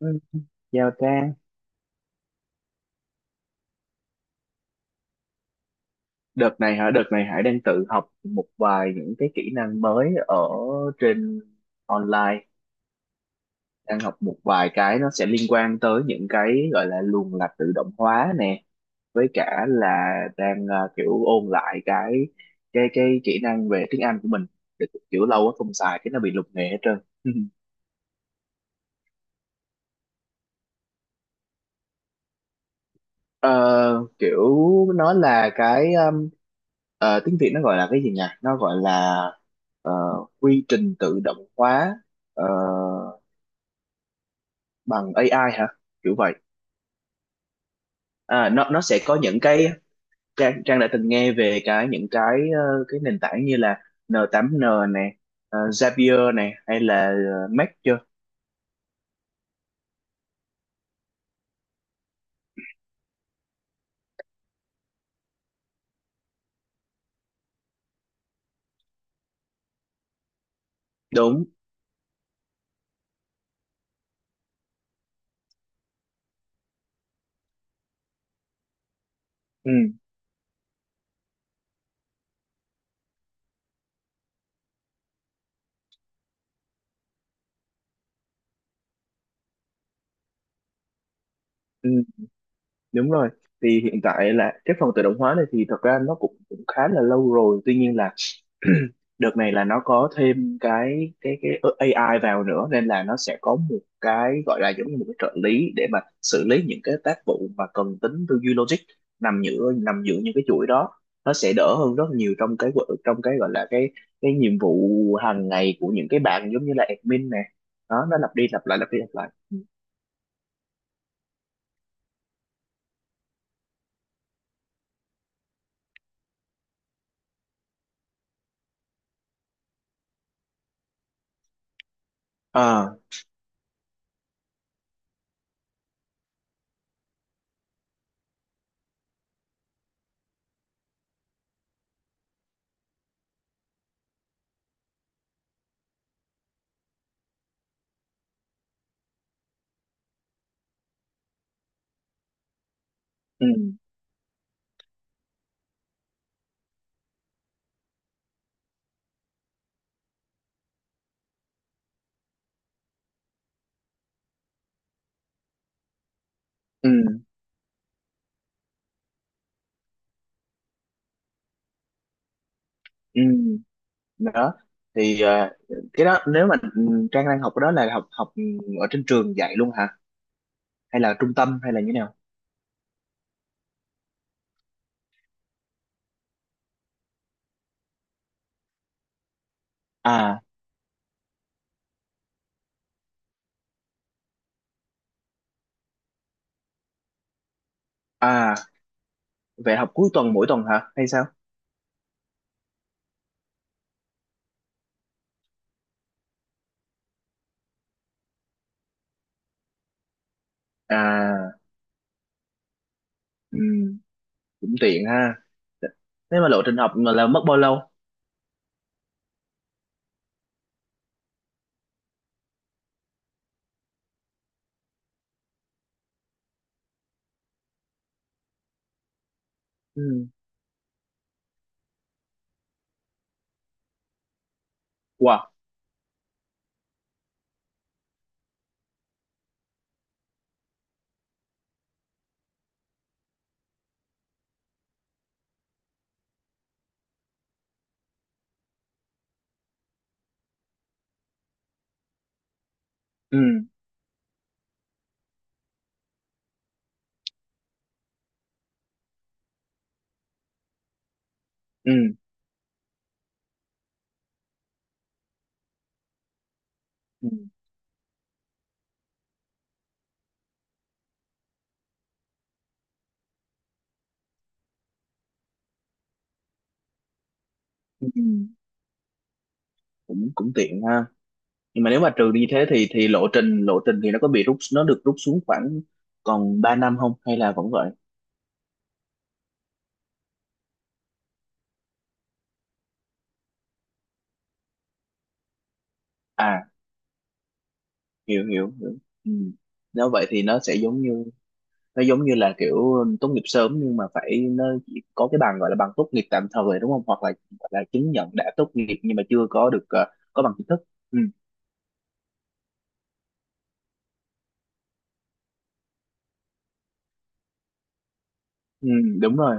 Ừ, chào Trang, đợt này hả? Đợt này Hải đang tự học một vài những cái kỹ năng mới ở trên online, đang học một vài cái nó sẽ liên quan tới những cái gọi là luồng lạch tự động hóa nè, với cả là đang kiểu ôn lại cái kỹ năng về tiếng Anh của mình, để kiểu lâu quá không xài cái nó bị lục nghề hết trơn. Ờ, kiểu nó là tiếng Việt nó gọi là cái gì nhỉ? Nó gọi là ờ, quy trình tự động hóa ờ, bằng AI hả? Kiểu vậy. À, nó sẽ có Trang đã từng nghe về cái những cái ờ, cái nền tảng như là N8N này, Zapier này hay là Make chưa? Đúng. Ừ, ừ, đúng rồi. Thì hiện tại là cái phần tự động hóa này thì thật ra nó cũng khá là lâu rồi. Tuy nhiên là đợt này là nó có thêm cái AI vào nữa nên là nó sẽ có một cái gọi là giống như một cái trợ lý để mà xử lý những cái tác vụ mà cần tính tư duy logic nằm giữa những cái chuỗi đó, nó sẽ đỡ hơn rất nhiều trong trong cái gọi là cái nhiệm vụ hàng ngày của những cái bạn giống như là admin nè, đó nó lặp đi lặp lại lặp đi lặp lại. À, ừ, ừ, ừ, đó thì cái đó, nếu mà Trang đang học cái đó là học học ở trên trường dạy luôn hả, hay là trung tâm hay là như thế nào? À, à, vậy học cuối tuần mỗi tuần hả hay sao? À, ừ, cũng tiện ha. Thế mà lộ trình học mà là mất bao lâu? Ừ, wow. Ừ, ừ, ừ, ừ. cũng cũng tiện ha. Nhưng mà nếu mà trừ đi thế thì lộ trình thì nó được rút xuống khoảng còn 3 năm không, hay là vẫn vậy? À, hiểu hiểu hiểu. Ừ. Nếu vậy thì nó giống như là kiểu tốt nghiệp sớm, nhưng mà phải nó chỉ có cái bằng gọi là bằng tốt nghiệp tạm thời đúng không, hoặc là chứng nhận đã tốt nghiệp nhưng mà chưa có được có bằng chính thức. Ừ, ừ, đúng rồi.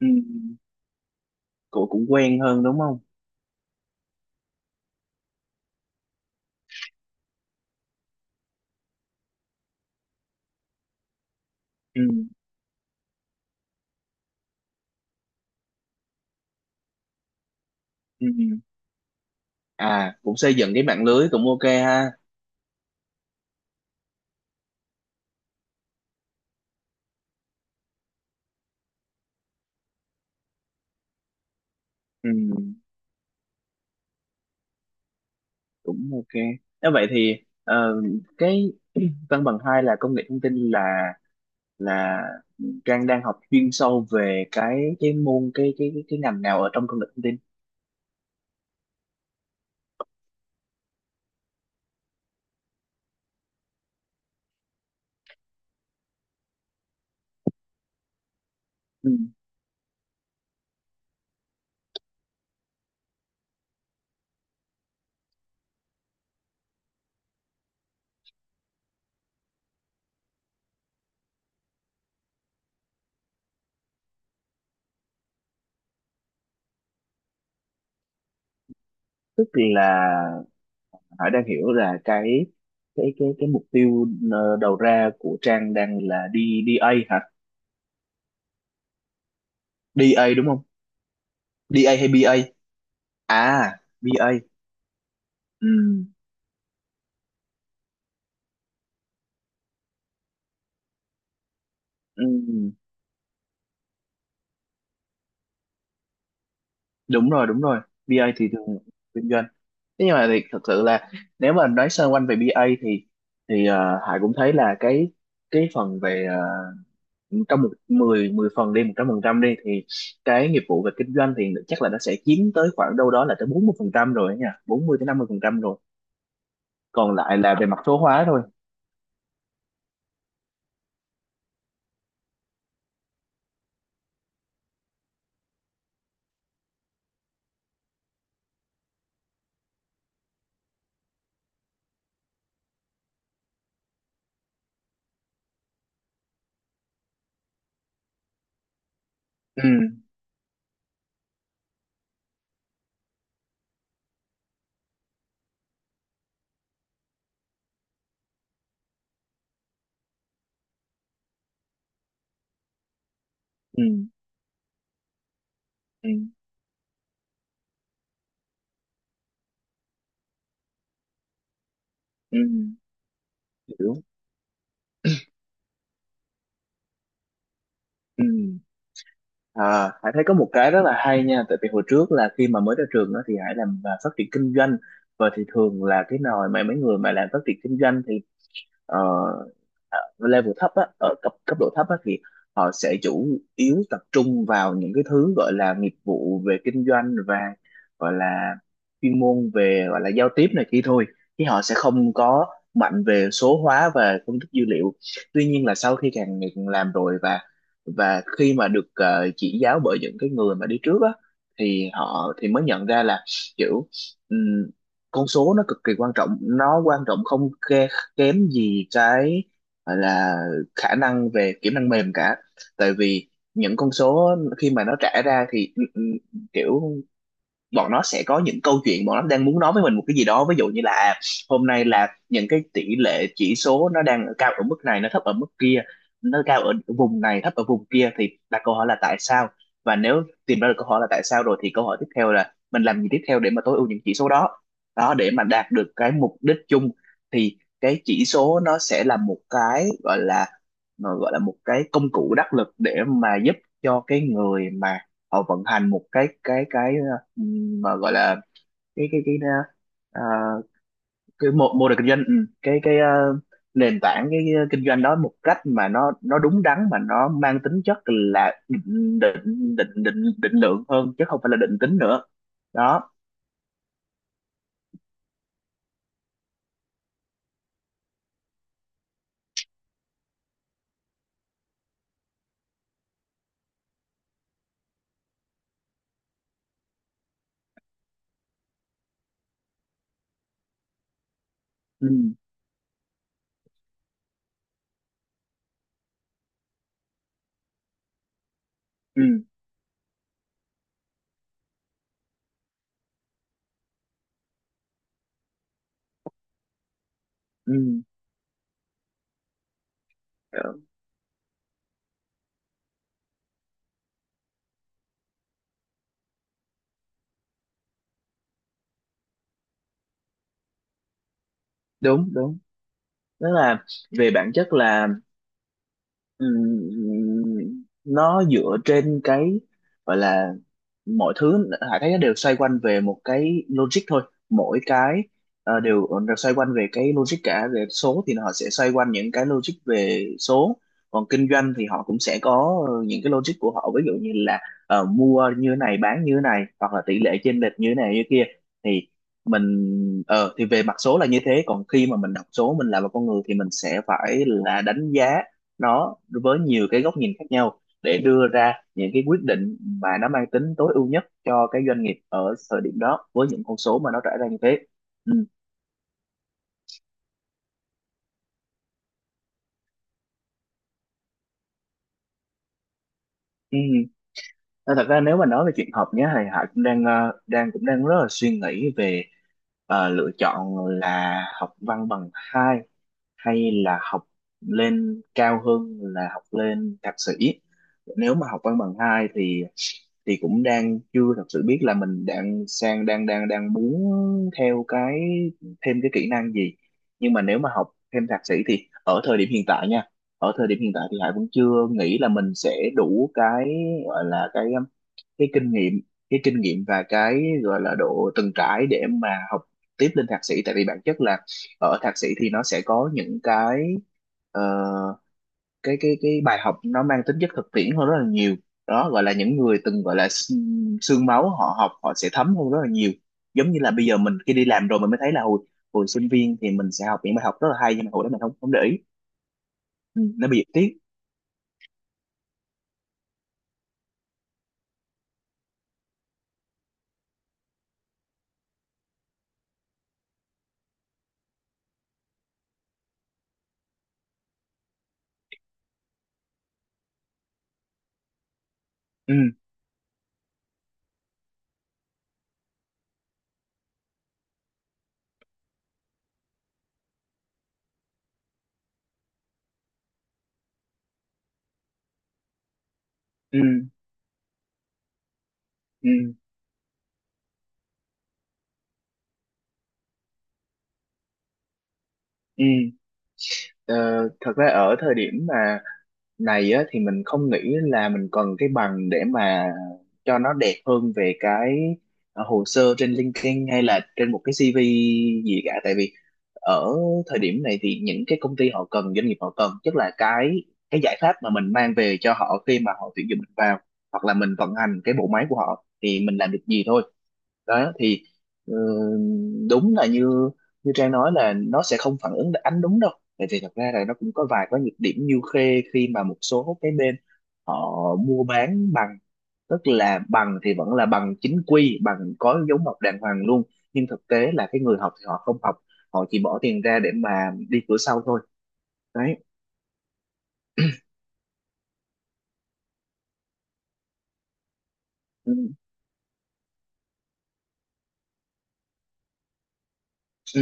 Ừ, cũng cũng quen hơn đúng không? Ừ, ừ. À, cũng xây dựng cái mạng lưới cũng ok ha. Ừ, cũng ok. Nếu vậy thì ờ, cái văn bằng hai là công nghệ thông tin, là Trang đang học chuyên sâu về cái môn cái ngành nào ở trong công nghệ thông tin? Ừ. Tức là Hải đang hiểu là cái mục tiêu đầu ra của Trang đang là đi DA hả? DA đúng không? DA hay BA? À, BA. Ừ, ừ, đúng rồi, đúng rồi. BA thì thường kinh doanh. Thế nhưng mà thì thật sự là, nếu mà nói sơ quanh về BA thì Hải cũng thấy là cái phần về, trong một 10 10 phần đi, 100% đi, thì cái nghiệp vụ về kinh doanh thì chắc là nó sẽ chiếm tới khoảng đâu đó là tới 40% rồi ấy nha, 40 tới 50% rồi, còn lại là về mặt số hóa thôi. Ừ, ừ, ừ, ừ, hiểu. Ừ. À, Hải thấy có một cái rất là hay nha, tại vì hồi trước là khi mà mới ra trường đó thì Hải làm phát triển kinh doanh, và thì thường là cái nồi mà mấy người mà làm phát triển kinh doanh thì ờ, ở level thấp á, ở cấp cấp độ thấp á, thì họ sẽ chủ yếu tập trung vào những cái thứ gọi là nghiệp vụ về kinh doanh và gọi là chuyên môn về gọi là giao tiếp này kia thôi, chứ họ sẽ không có mạnh về số hóa và phân tích dữ liệu. Tuy nhiên là sau khi càng ngày càng làm rồi, và khi mà được chỉ giáo bởi những cái người mà đi trước á, thì họ thì mới nhận ra là kiểu ừm, con số nó cực kỳ quan trọng, nó quan trọng không kém kém gì cái gọi là khả năng về kỹ năng mềm cả. Tại vì những con số khi mà nó trả ra thì kiểu bọn nó sẽ có những câu chuyện bọn nó đang muốn nói với mình một cái gì đó, ví dụ như là hôm nay là những cái tỷ lệ chỉ số nó đang ở cao ở mức này nó thấp ở mức kia, nó cao ở vùng này thấp ở vùng kia, thì đặt câu hỏi là tại sao. Và nếu tìm ra được câu hỏi là tại sao rồi thì câu hỏi tiếp theo là mình làm gì tiếp theo để mà tối ưu những chỉ số đó, đó, để mà đạt được cái mục đích chung, thì cái chỉ số nó sẽ là một cái gọi là, mà gọi là một cái công cụ đắc lực để mà giúp cho cái người mà họ vận hành một cái mà gọi là cái cái cái ờ, cái mô mô hình kinh doanh, cái cái ờ, nền tảng, cái kinh doanh đó, một cách mà nó đúng đắn, mà nó mang tính chất là định định định định định lượng hơn chứ không phải là định tính nữa. Đó. Ừ, ừ, ừ. Ờ, đúng đúng. Tức là về bản chất là, nó dựa trên cái gọi là, mọi thứ Hải thấy nó đều xoay quanh về một cái logic thôi, mỗi cái đều xoay quanh về cái logic cả. Về số thì họ sẽ xoay quanh những cái logic về số, còn kinh doanh thì họ cũng sẽ có những cái logic của họ, ví dụ như là mua như thế này bán như thế này hoặc là tỷ lệ chênh lệch như thế này như kia, thì mình thì về mặt số là như thế, còn khi mà mình đọc số, mình là một con người thì mình sẽ phải là đánh giá nó với nhiều cái góc nhìn khác nhau để đưa ra những cái quyết định mà nó mang tính tối ưu nhất cho cái doanh nghiệp ở thời điểm đó với những con số mà nó trải ra như thế. Ừ. Ừ. Nên thật ra nếu mà nói về chuyện học nhé, thì Hải cũng đang ờ, đang cũng đang rất là suy nghĩ về lựa chọn là học văn bằng hai hay là học lên cao hơn là học lên thạc sĩ. Nếu mà học văn bằng hai thì cũng đang chưa thật sự biết là mình đang sang đang đang đang muốn theo thêm cái kỹ năng gì, nhưng mà nếu mà học thêm thạc sĩ thì ở thời điểm hiện tại nha, ở thời điểm hiện tại thì Hải vẫn chưa nghĩ là mình sẽ đủ cái gọi là cái kinh nghiệm cái kinh nghiệm và cái gọi là độ từng trải để mà học tiếp lên thạc sĩ, tại vì bản chất là ở thạc sĩ thì nó sẽ có những cái ờ, cái bài học nó mang tính chất thực tiễn hơn rất là nhiều. Đó, gọi là những người từng gọi là xương máu họ học họ sẽ thấm hơn rất là nhiều, giống như là bây giờ mình khi đi làm rồi mình mới thấy là hồi hồi sinh viên thì mình sẽ học những bài học rất là hay nhưng mà hồi đó mình không không để ý, nó bị tiếc. Ừ, ừ, ừ, ừ. Ờ, thật ra ở thời điểm mà này á, thì mình không nghĩ là mình cần cái bằng để mà cho nó đẹp hơn về cái hồ sơ trên LinkedIn hay là trên một cái CV gì cả, tại vì ở thời điểm này thì những cái công ty họ cần, doanh nghiệp họ cần, tức là cái giải pháp mà mình mang về cho họ khi mà họ tuyển dụng mình vào, hoặc là mình vận hành cái bộ máy của họ thì mình làm được gì thôi. Đó thì ừ, đúng là như như Trang nói, là nó sẽ không phản ứng ánh đúng đâu, tại vì thật ra là nó cũng có vài cái nhược điểm như khê, khi mà một số cái bên họ mua bán bằng, tức là bằng thì vẫn là bằng chính quy, bằng có dấu mộc đàng hoàng luôn, nhưng thực tế là cái người học thì họ không học, họ chỉ bỏ tiền ra để mà đi cửa sau thôi, đấy. Ừ, ừ,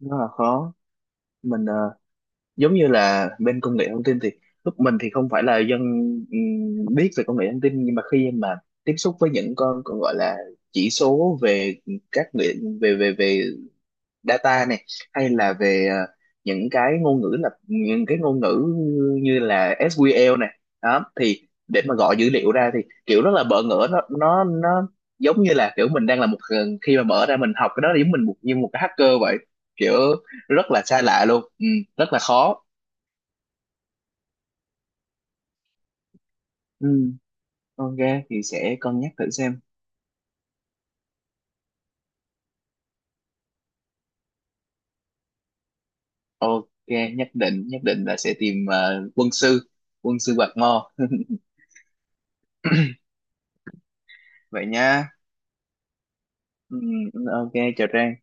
nó là khó. Mình giống như là bên công nghệ thông tin thì lúc mình thì không phải là dân biết về công nghệ thông tin, nhưng mà khi mà tiếp xúc với những con còn gọi là chỉ số về các nghệ- về về về data này, hay là về những cái ngôn ngữ như là SQL này, đó thì để mà gọi dữ liệu ra thì kiểu rất là bỡ ngỡ, nó giống như là kiểu mình đang là một khi mà mở ra mình học cái đó, giống mình một như một cái hacker vậy, kiểu rất là xa lạ luôn. Ừ, rất là khó. Ừ, con thì sẽ cân nhắc thử xem. Ok, nhất định là sẽ tìm quân sư Bạc Mò. Vậy nha. Ừ, ok, chào Trang.